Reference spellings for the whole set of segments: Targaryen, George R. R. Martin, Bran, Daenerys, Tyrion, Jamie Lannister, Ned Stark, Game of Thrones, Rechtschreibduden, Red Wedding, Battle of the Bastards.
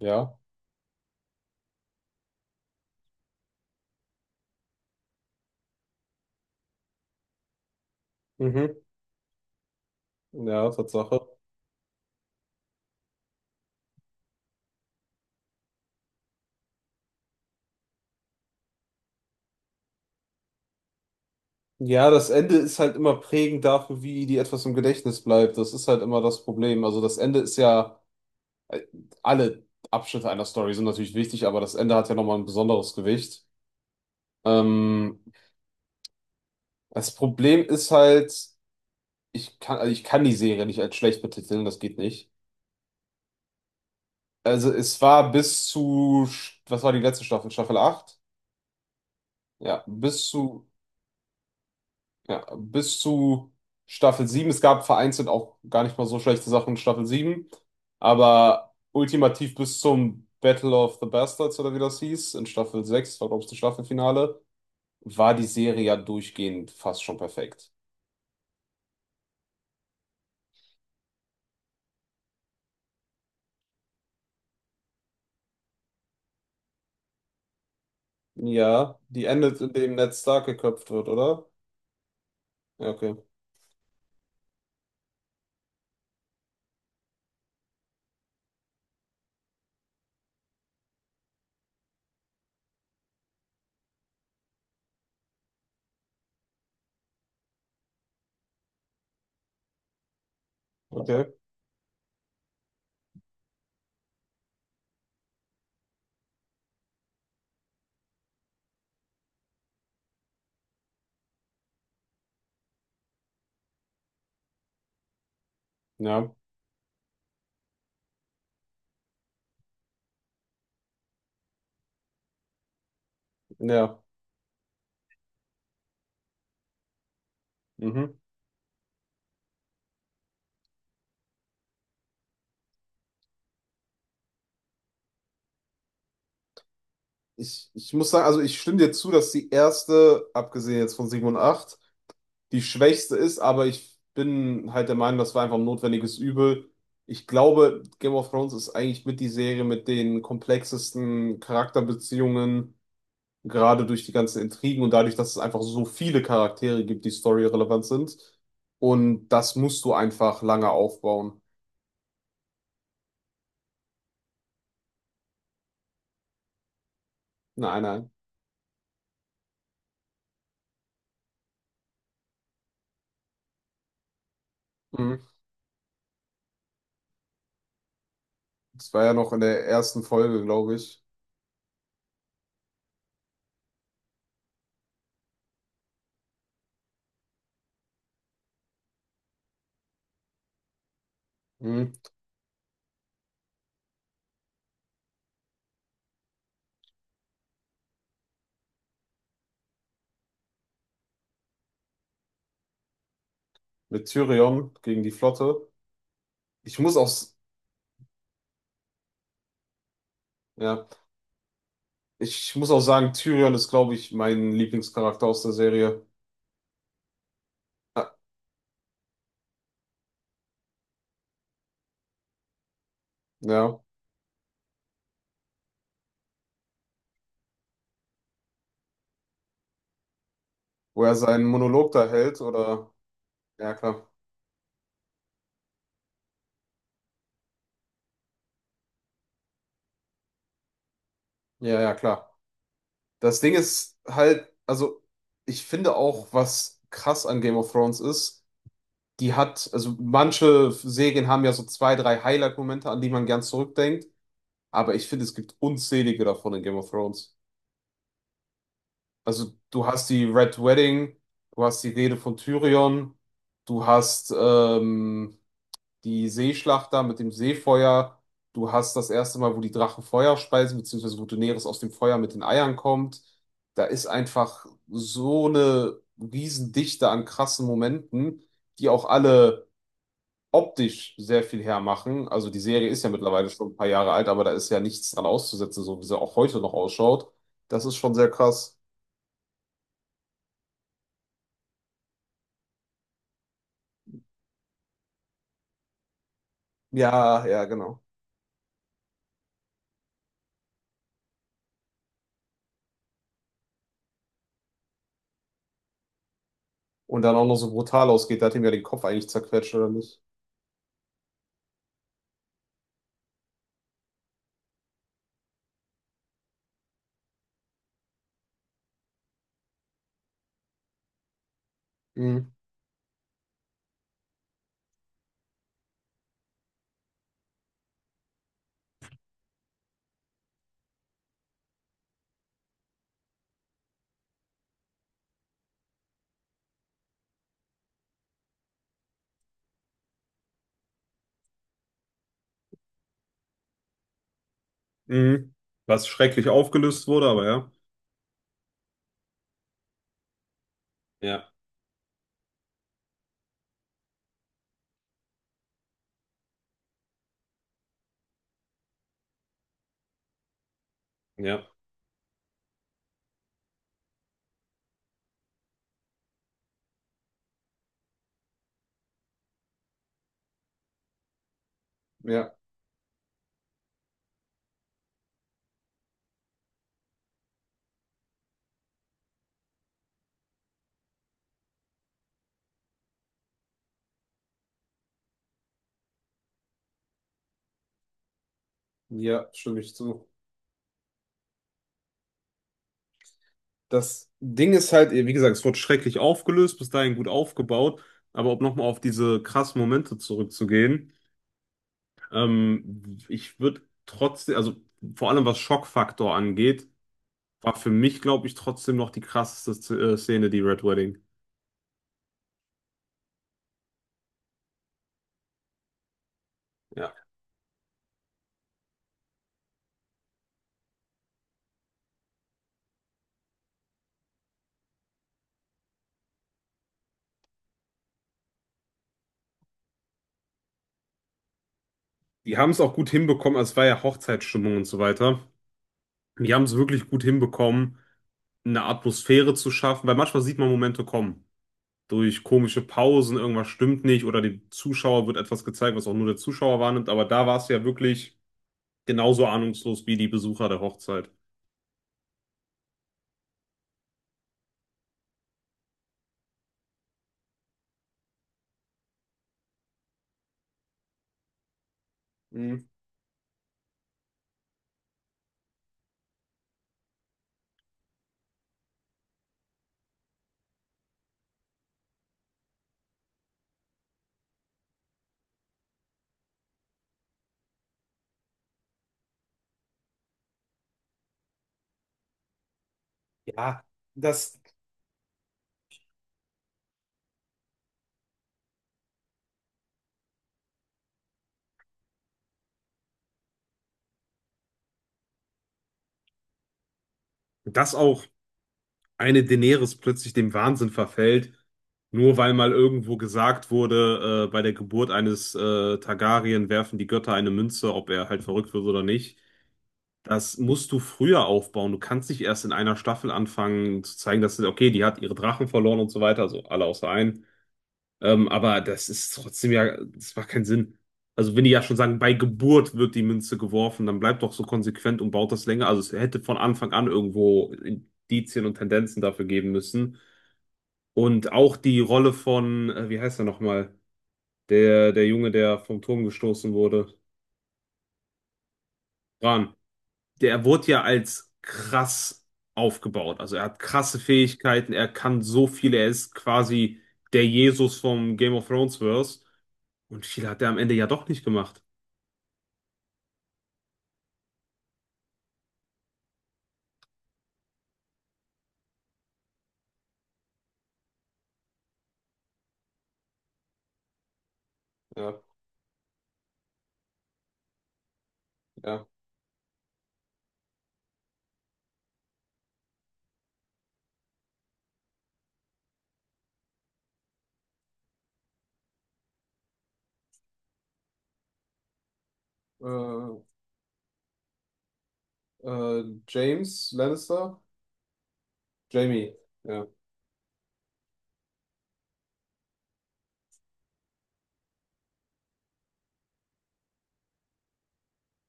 Ja. Mhm. Ja, Tatsache. Ja, das Ende ist halt immer prägend dafür, wie die etwas im Gedächtnis bleibt. Das ist halt immer das Problem. Also das Ende ist ja, äh, alle Abschnitte einer Story sind natürlich wichtig, aber das Ende hat ja nochmal ein besonderes Gewicht. Ähm, Das Problem ist halt, also ich kann die Serie nicht als schlecht betiteln, das geht nicht. Also es war bis zu, was war die letzte Staffel? Staffel acht. Ja, bis zu Ja, bis zu Staffel sieben. Es gab vereinzelt auch gar nicht mal so schlechte Sachen in Staffel sieben. Aber ultimativ bis zum Battle of the Bastards oder wie das hieß, in Staffel sechs war, glaube ich, das Staffelfinale, war die Serie ja durchgehend fast schon perfekt. Ja, die endet, indem Ned Stark geköpft wird, oder? Ja, okay. Okay. Ja. Ja. Mhm. Ich muss sagen, also ich stimme dir zu, dass die erste, abgesehen jetzt von 7 und acht, die schwächste ist, aber ich bin halt der Meinung, das war einfach ein notwendiges Übel. Ich glaube, Game of Thrones ist eigentlich mit die Serie mit den komplexesten Charakterbeziehungen, gerade durch die ganzen Intrigen und dadurch, dass es einfach so viele Charaktere gibt, die storyrelevant sind. Und das musst du einfach lange aufbauen. Nein, nein. Mhm. Das war ja noch in der ersten Folge, glaube ich. Mhm. Mit Tyrion gegen die Flotte. Ich muss auch, s- Ja. Ich muss auch sagen, Tyrion ist, glaube ich, mein Lieblingscharakter aus der Serie. Ja, ja. Wo er seinen Monolog da hält, oder? Ja, klar. Ja, ja, klar. Das Ding ist halt, also ich finde auch, was krass an Game of Thrones ist, die hat, also manche Serien haben ja so zwei, drei Highlight-Momente, an die man gern zurückdenkt, aber ich finde, es gibt unzählige davon in Game of Thrones. Also du hast die Red Wedding, du hast die Rede von Tyrion, du hast, die Seeschlacht da mit dem Seefeuer. Du hast das erste Mal, wo die Drachen Feuer speisen, beziehungsweise wo Daenerys aus dem Feuer mit den Eiern kommt. Da ist einfach so eine Riesendichte an krassen Momenten, die auch alle optisch sehr viel hermachen. Also die Serie ist ja mittlerweile schon ein paar Jahre alt, aber da ist ja nichts dran auszusetzen, so wie sie auch heute noch ausschaut. Das ist schon sehr krass. Ja, ja, genau. Und dann auch noch so brutal ausgeht, da hat ihm ja den Kopf eigentlich zerquetscht, oder nicht? Mhm. Was schrecklich aufgelöst wurde, aber ja. Ja, ja. Ja, ja, stimme ich zu. Das Ding ist halt, wie gesagt, es wurde schrecklich aufgelöst, bis dahin gut aufgebaut, aber um nochmal auf diese krassen Momente zurückzugehen, ich würde trotzdem, also vor allem was Schockfaktor angeht, war für mich, glaube ich, trotzdem noch die krasseste Szene, die Red Wedding. Ja. Die haben es auch gut hinbekommen, also es war ja Hochzeitsstimmung und so weiter. Die haben es wirklich gut hinbekommen, eine Atmosphäre zu schaffen, weil manchmal sieht man Momente kommen. Durch komische Pausen, irgendwas stimmt nicht oder dem Zuschauer wird etwas gezeigt, was auch nur der Zuschauer wahrnimmt. Aber da war es ja wirklich genauso ahnungslos wie die Besucher der Hochzeit. Mhm. Ja, das, Dass auch eine Daenerys plötzlich dem Wahnsinn verfällt, nur weil mal irgendwo gesagt wurde, bei der Geburt eines Targaryen werfen die Götter eine Münze, ob er halt verrückt wird oder nicht. Das musst du früher aufbauen. Du kannst nicht erst in einer Staffel anfangen zu zeigen, dass, okay, die hat ihre Drachen verloren und so weiter, also alle außer einen. Aber das ist trotzdem ja, das macht keinen Sinn. Also wenn die ja schon sagen, bei Geburt wird die Münze geworfen, dann bleibt doch so konsequent und baut das länger. Also es hätte von Anfang an irgendwo Indizien und Tendenzen dafür geben müssen. Und auch die Rolle von, wie heißt er nochmal? Der, der Junge, der vom Turm gestoßen wurde. Bran. Der wurde ja als krass aufgebaut. Also er hat krasse Fähigkeiten, er kann so viel, er ist quasi der Jesus vom Game of Thrones Verse. Und viel hat er am Ende ja doch nicht gemacht. Ja, ja. Äh, James Lannister? Jamie, ja.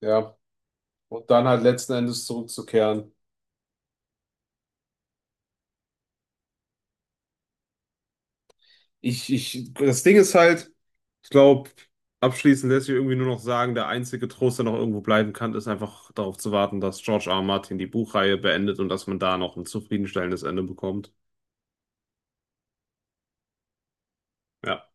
Ja. Und dann halt letzten Endes zurückzukehren. Das Ding ist halt. Ich glaube, abschließend lässt sich irgendwie nur noch sagen, der einzige Trost, der noch irgendwo bleiben kann, ist einfach darauf zu warten, dass George R. R. Martin die Buchreihe beendet und dass man da noch ein zufriedenstellendes Ende bekommt. Ja.